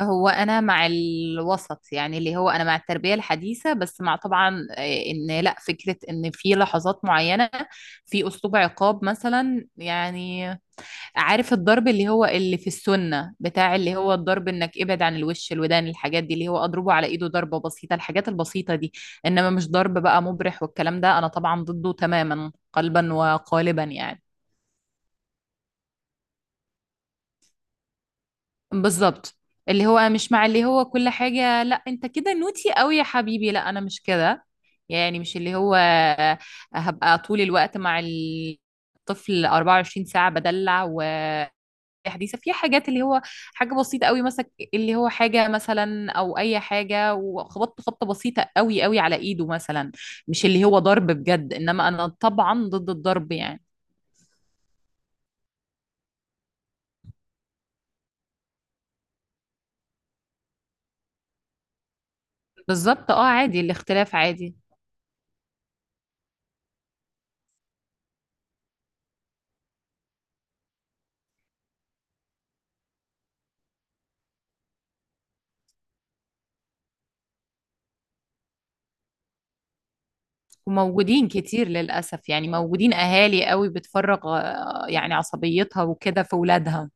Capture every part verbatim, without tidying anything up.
هو انا مع الوسط، يعني اللي هو انا مع التربيه الحديثه، بس مع طبعا آه، ان لا فكره ان في لحظات معينه في اسلوب عقاب مثلا يعني. عارف الضرب اللي هو اللي في السنه بتاع اللي هو الضرب انك ابعد عن الوش الودان، الحاجات دي اللي هو اضربه على ايده ضربه بسيطه، الحاجات البسيطه دي. انما مش ضرب بقى مبرح، والكلام ده انا طبعا ضده تماما قلبا وقالبا يعني. بالظبط، اللي هو مش مع اللي هو كل حاجة. لا انت كده نوتي قوي يا حبيبي، لا انا مش كده يعني. مش اللي هو هبقى طول الوقت مع الطفل أربعة وعشرين ساعة بدلع وحديثة في حاجات اللي هو حاجة بسيطة قوي مثلا. اللي هو حاجة مثلا او اي حاجة وخبطت خبطة بسيطة قوي قوي على ايده مثلا، مش اللي هو ضرب بجد. انما انا طبعا ضد الضرب يعني. بالظبط، اه عادي، الاختلاف عادي. وموجودين كتير للأسف يعني، موجودين أهالي قوي بتفرغ آه، يعني عصبيتها وكده في ولادها.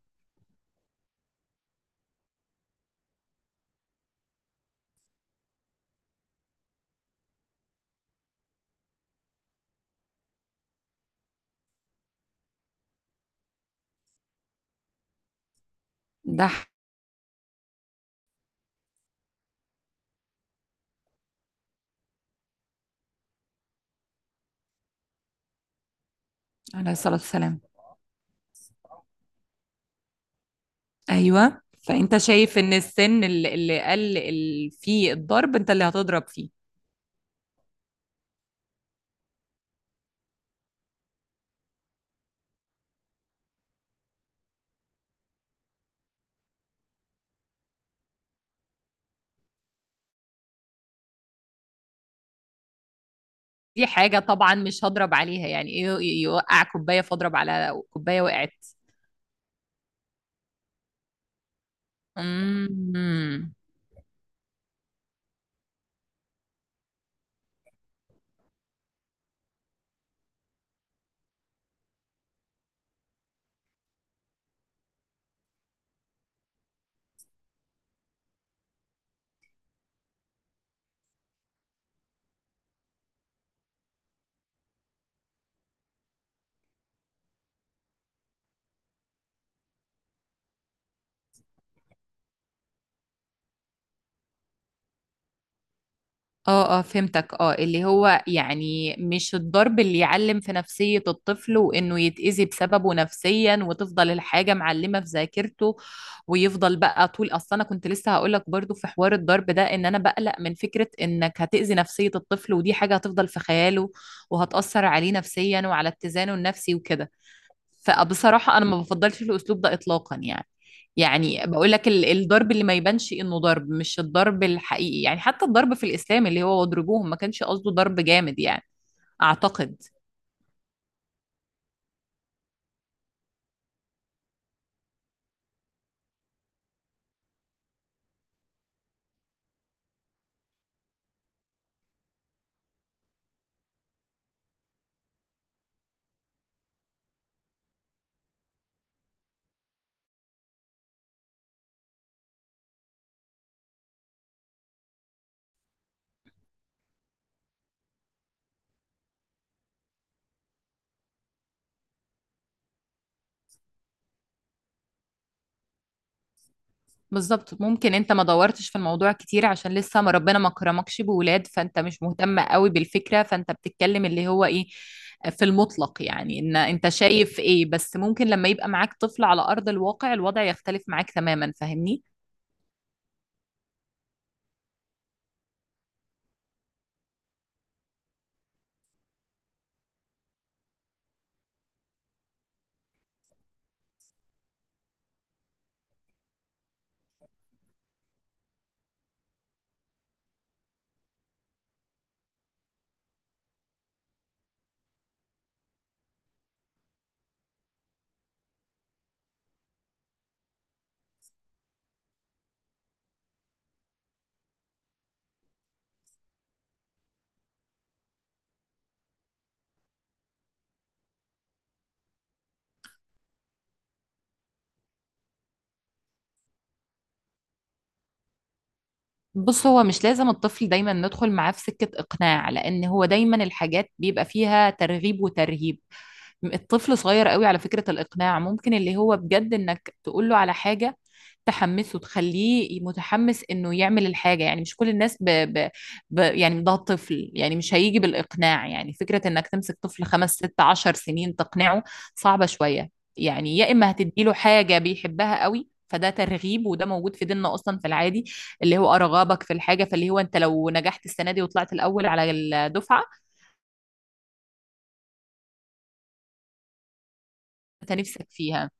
ده ح- عليه الصلاة والسلام. أيوة، فأنت شايف إن السن اللي اللي قل ال- فيه الضرب أنت اللي هتضرب فيه. دي حاجة طبعا مش هضرب عليها، يعني إيه يوقع كوباية فاضرب على كوباية وقعت؟ امم. اه اه، فهمتك اه. اللي هو يعني مش الضرب اللي يعلم في نفسية الطفل وانه يتأذي بسببه نفسيا، وتفضل الحاجة معلمة في ذاكرته ويفضل بقى طول. اصلا انا كنت لسه هقول لك برضو في حوار الضرب ده ان انا بقلق من فكرة انك هتأذي نفسية الطفل، ودي حاجة هتفضل في خياله وهتأثر عليه نفسيا وعلى اتزانه النفسي وكده. فبصراحة أنا ما بفضلش الأسلوب ده إطلاقا يعني. يعني بقول لك ال- الضرب اللي ما يبانش إنه ضرب، مش الضرب الحقيقي، يعني حتى الضرب في الإسلام اللي هو واضربوهم ما كانش قصده ضرب جامد يعني، أعتقد. بالظبط، ممكن أنت ما دورتش في الموضوع كتير عشان لسه ما ربنا ما كرمكش بولاد، فأنت مش مهتم قوي بالفكرة، فأنت بتتكلم اللي هو إيه في المطلق، يعني إن أنت شايف إيه. بس ممكن لما يبقى معاك طفل على أرض الواقع الوضع يختلف معاك تماما، فاهمني؟ بص، هو مش لازم الطفل دايما ندخل معاه في سكة إقناع، لأن هو دايما الحاجات بيبقى فيها ترغيب وترهيب. الطفل صغير قوي، على فكرة الإقناع ممكن اللي هو بجد إنك تقوله على حاجة تحمسه، تخليه متحمس إنه يعمل الحاجة، يعني مش كل الناس ب... ب... ب... يعني ده طفل يعني مش هيجي بالإقناع. يعني فكرة إنك تمسك طفل خمس ست عشر سنين تقنعه صعبة شوية. يعني يا إما هتديله حاجة بيحبها قوي، فده ترغيب وده موجود في ديننا اصلا في العادي. اللي هو ارغبك في الحاجه، فاللي هو انت لو نجحت السنه دي وطلعت الاول على الدفعه، انت نفسك فيها.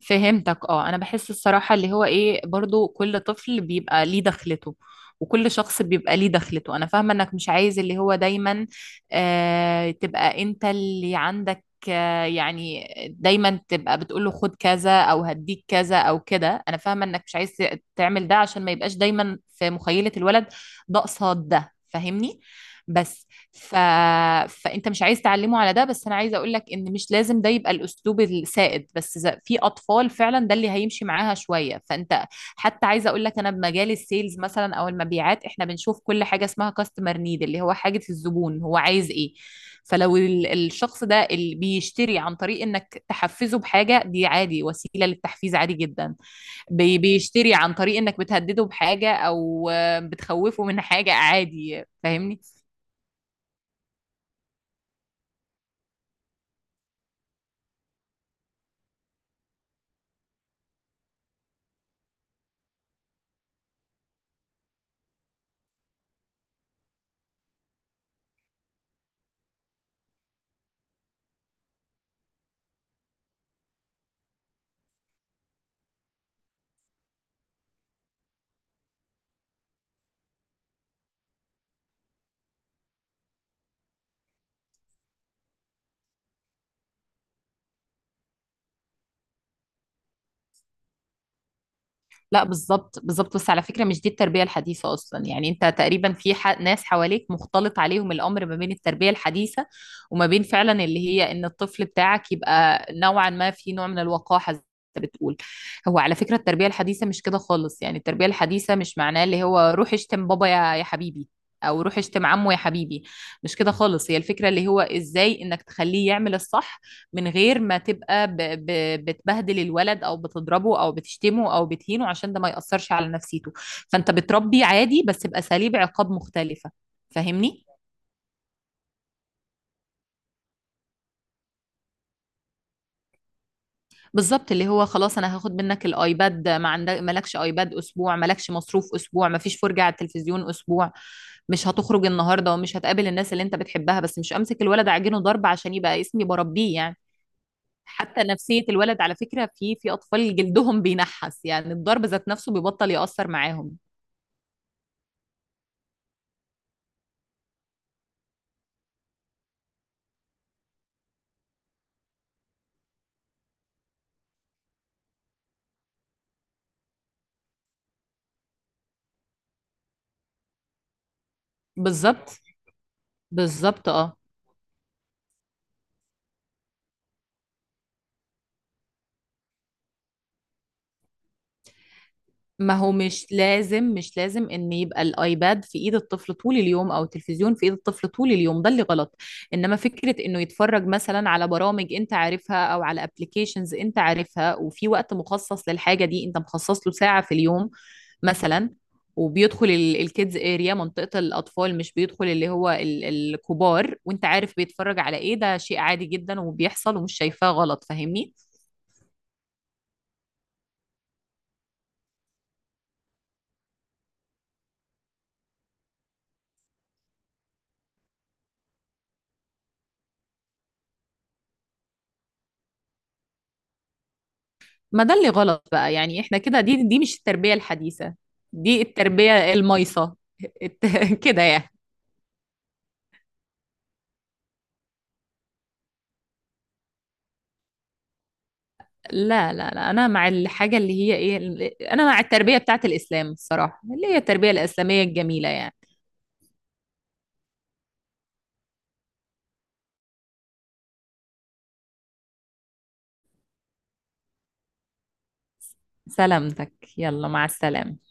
فهمتك اه، انا بحس الصراحة اللي هو ايه، برضو كل طفل بيبقى ليه دخلته وكل شخص بيبقى ليه دخلته. انا فاهمة انك مش عايز اللي هو دايما آه تبقى انت اللي عندك آه، يعني دايما تبقى بتقول له خد كذا او هديك كذا او كده. انا فاهمه انك مش عايز تعمل ده عشان ما يبقاش دايما في مخيله الولد ده قصاد ده، فاهمني؟ بس ف... فانت مش عايز تعلمه على ده. بس انا عايزه اقول لك ان مش لازم ده يبقى الاسلوب السائد، بس إذا في اطفال فعلا ده اللي هيمشي معاها شويه فانت. حتى عايزه اقول لك انا بمجال السيلز مثلا او المبيعات احنا بنشوف كل حاجه اسمها كاستمر نيد، اللي هو حاجه الزبون هو عايز ايه. فلو ال- الشخص ده اللي بيشتري عن طريق انك تحفزه بحاجه، دي عادي، وسيله للتحفيز عادي جدا. بي- بيشتري عن طريق انك بتهدده بحاجه او آه، بتخوفه من حاجه، عادي، فاهمني؟ لا بالظبط بالظبط. بس على فكرة مش دي التربية الحديثة أصلا يعني. أنت تقريبا في ح... ناس حواليك مختلط عليهم الأمر ما بين التربية الحديثة وما بين فعلا اللي هي إن الطفل بتاعك يبقى نوعا ما في نوع من الوقاحة زي ما أنت بتقول. هو على فكرة التربية الحديثة مش كده خالص، يعني التربية الحديثة مش معناه اللي هو روح اشتم بابا يا يا حبيبي، أو روح اشتم عمو يا حبيبي. مش كده خالص، هي الفكرة اللي هو إزاي إنك تخليه يعمل الصح من غير ما تبقى ب... ب... بتبهدل الولد او بتضربه او بتشتمه او بتهينه، عشان ده ما يأثرش على نفسيته. فانت بتربي عادي بس بأساليب عقاب مختلفة، فاهمني؟ بالظبط، اللي هو خلاص انا هاخد منك الايباد، ما عندك مالكش ايباد اسبوع، مالكش مصروف اسبوع، ما فيش فرجة على التلفزيون اسبوع، مش هتخرج النهارده ومش هتقابل الناس اللي انت بتحبها. بس مش امسك الولد اعجنه ضرب عشان يبقى اسمي بربيه يعني. حتى نفسية الولد على فكرة، في في اطفال جلدهم بينحس يعني، الضرب ذات نفسه بيبطل يأثر معاهم. بالظبط بالظبط اه. ما هو مش لازم مش لازم ان يبقى الايباد في ايد الطفل طول اليوم او التلفزيون في ايد الطفل طول اليوم، ده اللي غلط. انما فكرة انه يتفرج مثلا على برامج انت عارفها او على ابلكيشنز انت عارفها، وفي وقت مخصص للحاجة دي، انت مخصص له ساعة في اليوم مثلا، وبيدخل الكيدز اريا، منطقة الأطفال، مش بيدخل اللي هو ال- الكبار، وانت عارف بيتفرج على ايه، ده شيء عادي جدا وبيحصل ومش شايفاه غلط، فاهمني؟ ما ده اللي غلط بقى يعني، احنا كده دي دي مش التربية الحديثة، دي التربية المايصة. الت- كده يعني. لا لا لا انا مع الحاجة اللي هي ايه، انا مع التربية بتاعت الاسلام الصراحة، اللي هي التربية الاسلامية الجميلة يعني. سلامتك، يلا مع السلامة.